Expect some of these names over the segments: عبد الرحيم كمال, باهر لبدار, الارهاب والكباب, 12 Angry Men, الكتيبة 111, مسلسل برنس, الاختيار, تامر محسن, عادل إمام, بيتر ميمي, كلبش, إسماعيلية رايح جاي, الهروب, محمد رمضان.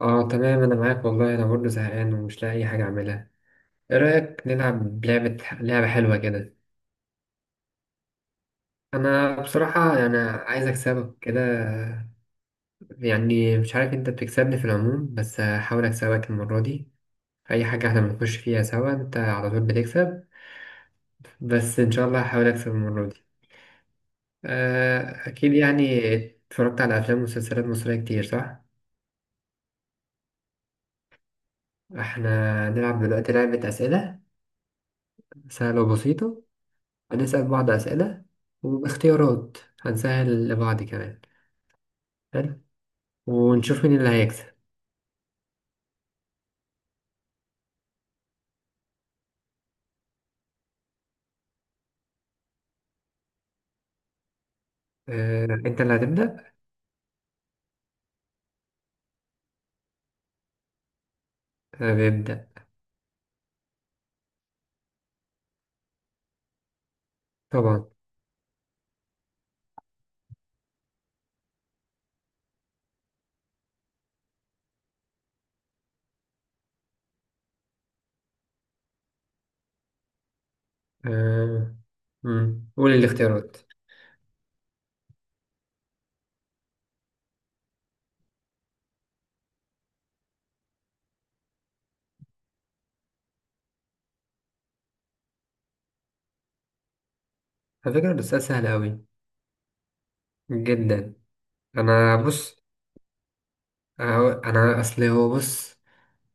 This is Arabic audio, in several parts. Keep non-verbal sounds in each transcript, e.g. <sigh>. اه تمام، انا معاك والله، انا برضه زهقان ومش لاقي اي حاجه اعملها. ايه رايك نلعب لعبه حلوه كده؟ انا بصراحه يعني عايز اكسبك كده. يعني مش عارف، انت بتكسبني في العموم، بس هحاول اكسبك المره دي. في اي حاجه احنا بنخش فيها سوا، انت على طول بتكسب. بس ان شاء الله هحاول اكسب المره دي. اكيد يعني اتفرجت على افلام ومسلسلات مصريه كتير، صح؟ احنا نلعب دلوقتي لعبه اسئله سهله وبسيطه. هنسأل بعض أسئلة وباختيارات هنسهل لبعض كمان. حلو، ونشوف مين اللي هيكسب. أنت اللي هتبدأ. أنا بيبدأ. طبعا. آه، مم. قول الاختيارات. على فكرة ده سؤال سهل أوي، جدا. أنا بص أنا أصل هو بص،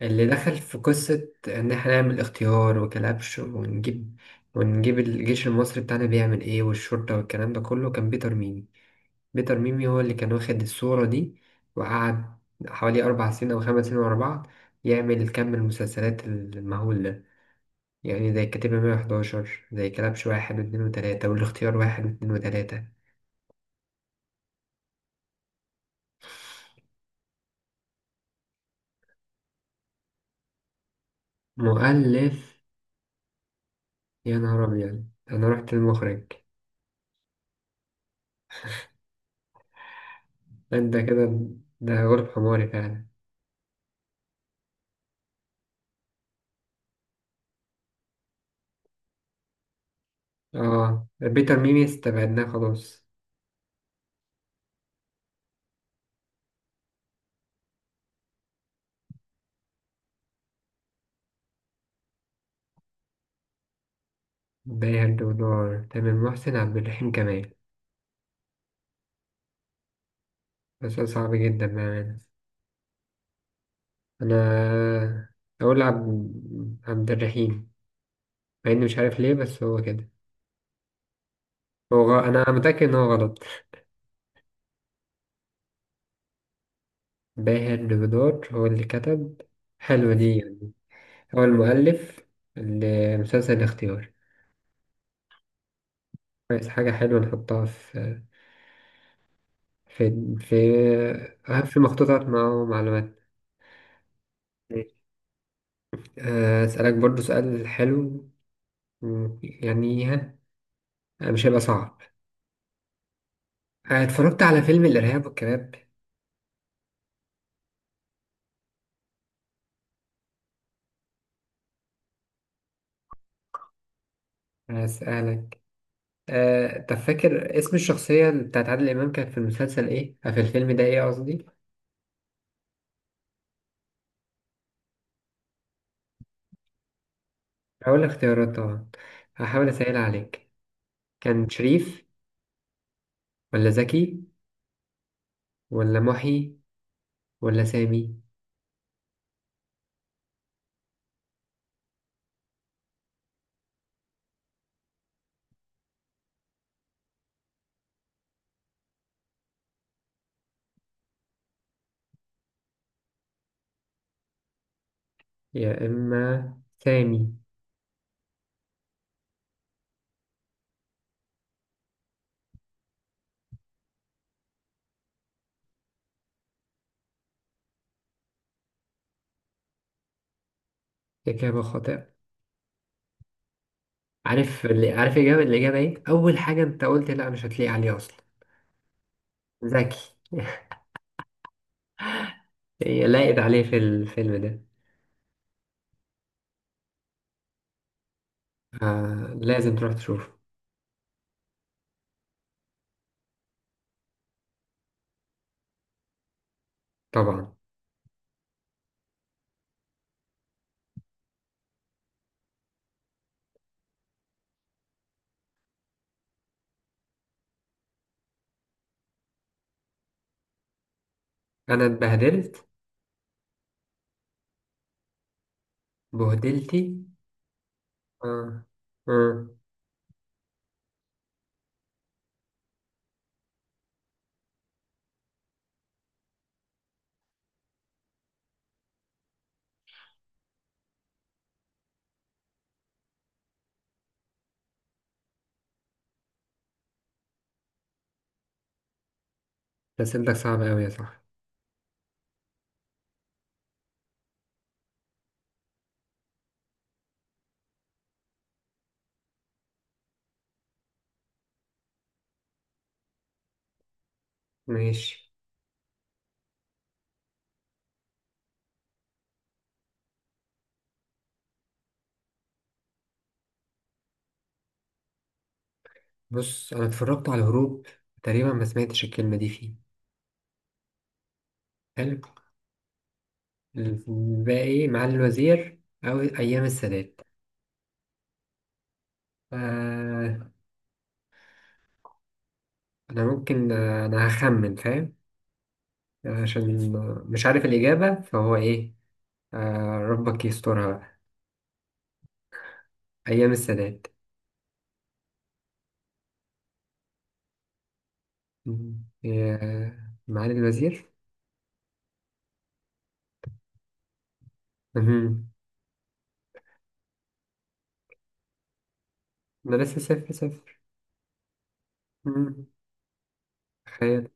اللي دخل في قصة إن إحنا نعمل اختيار وكلبش ونجيب الجيش المصري بتاعنا بيعمل إيه، والشرطة والكلام ده كله، كان بيتر ميمي. بيتر ميمي هو اللي كان واخد الصورة دي، وقعد حوالي 4 سنين أو 5 سنين ورا بعض يعمل كم المسلسلات المهول ده. يعني زي الكتيبة 111، زي كلبش واحد واتنين وتلاتة، والاختيار واحد واتنين وتلاتة. مؤلف. يا نهار أبيض، أنا رحت المخرج. أنت كده، ده غلب حماري فعلا. بيتر ميمي استبعدناه خلاص. بيهد ودار، تامر محسن، عبد الرحيم كمال. بس صعب جدا بأمانة. انا اقول عبد الرحيم، مع اني مش عارف ليه، بس هو كده. انا متاكد ان هو غلط. باهر لبدار هو اللي كتب. حلوه دي يعني. هو المؤلف لمسلسل الاختيار. كويس، حاجه حلوه نحطها في في في مخطوطات مع معلومات. ماشي. اسالك برضو سؤال حلو. يعني ها، مش هيبقى صعب. اتفرجت على فيلم الارهاب والكباب. اسالك. طب فاكر اسم الشخصية بتاعت عادل إمام كانت في المسلسل إيه؟ في الفيلم ده إيه قصدي؟ هقول الاختيارات طبعا. هحاول أسهل عليك. كان شريف، ولا زكي، ولا محي، ولا سامي؟ يا إما سامي. إجابة خاطئة. عارف اللي عارف الإجابة إيه؟ أول حاجة أنت قلت لأ، مش هتلاقي عليه أصلا. زكي. <laughs> هي لاقت عليه في الفيلم ده. لازم تروح تشوفه. طبعا. أنا اتبهدلت. بهدلتي. آه، آه. أسئلتك صعبة أوي يا صاحبي. ماشي. بص، أنا اتفرجت على الهروب، تقريبا ما سمعتش الكلمة دي فيه. حلو. بقى إيه؟ معالي الوزير أو أيام السادات؟ آه أنا ممكن، أنا هخمن فاهم، عشان مش عارف الإجابة فهو إيه. ربك يسترها بقى. أيام السادات. مم. يا معالي الوزير. مهم. أنا لسه 0-0. مم. تخيل.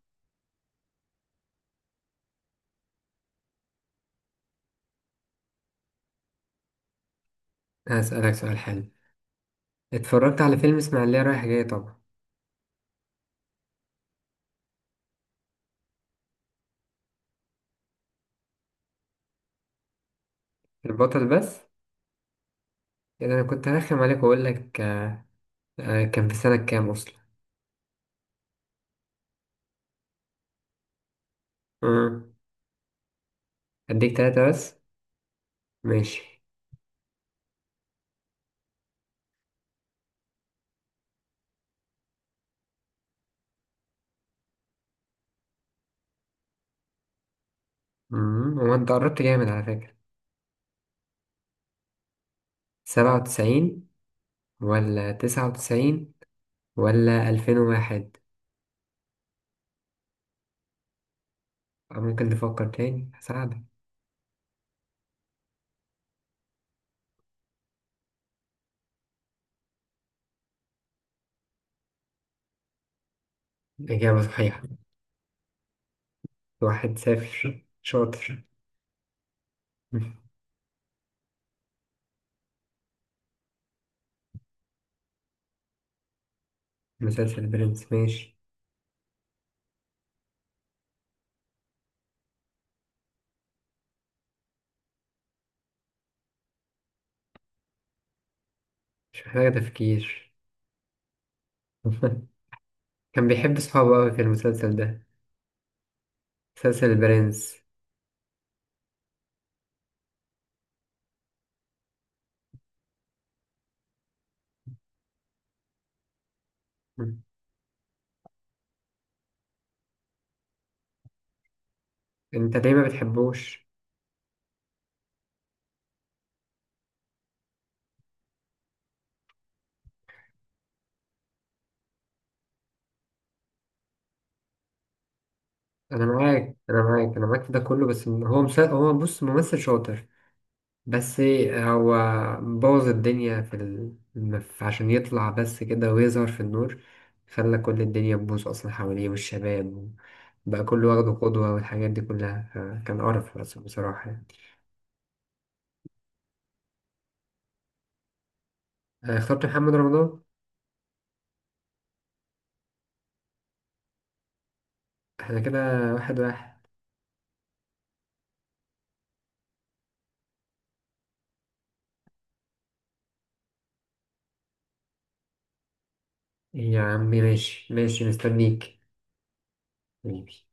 هسألك سؤال حلو. اتفرجت على فيلم إسماعيلية رايح جاي طبعا. البطل بس؟ يعني انا كنت هرخم عليك واقول لك، كان في سنة كام اصلا. مم. اديك تلاتة بس. ماشي. مم. هو انت قربت جامد على فكرة. 97، ولا 99، ولا 2001؟ ممكن تفكر تاني، هساعدك. إجابة صحيحة. 1-0، شاطر. مسلسل برنس، ماشي. مش محتاج تفكير. <laughs> كان بيحب صحابه أوي في المسلسل ده. مسلسل البرنس. انت ليه ما بتحبوش؟ انا معاك، انا معاك، انا معاك في ده كله، بس هو هو بص ممثل شاطر. بس هو بوظ الدنيا عشان يطلع بس كده ويظهر في النور. خلى كل الدنيا تبوظ اصلا حواليه، والشباب بقى كله واخده قدوة، والحاجات دي كلها، فكان قرف بس بصراحة يعني. أنا اخترت محمد رمضان. احنا كده 1-1. يا عمي ماشي ماشي، مستنيك. حبيبي.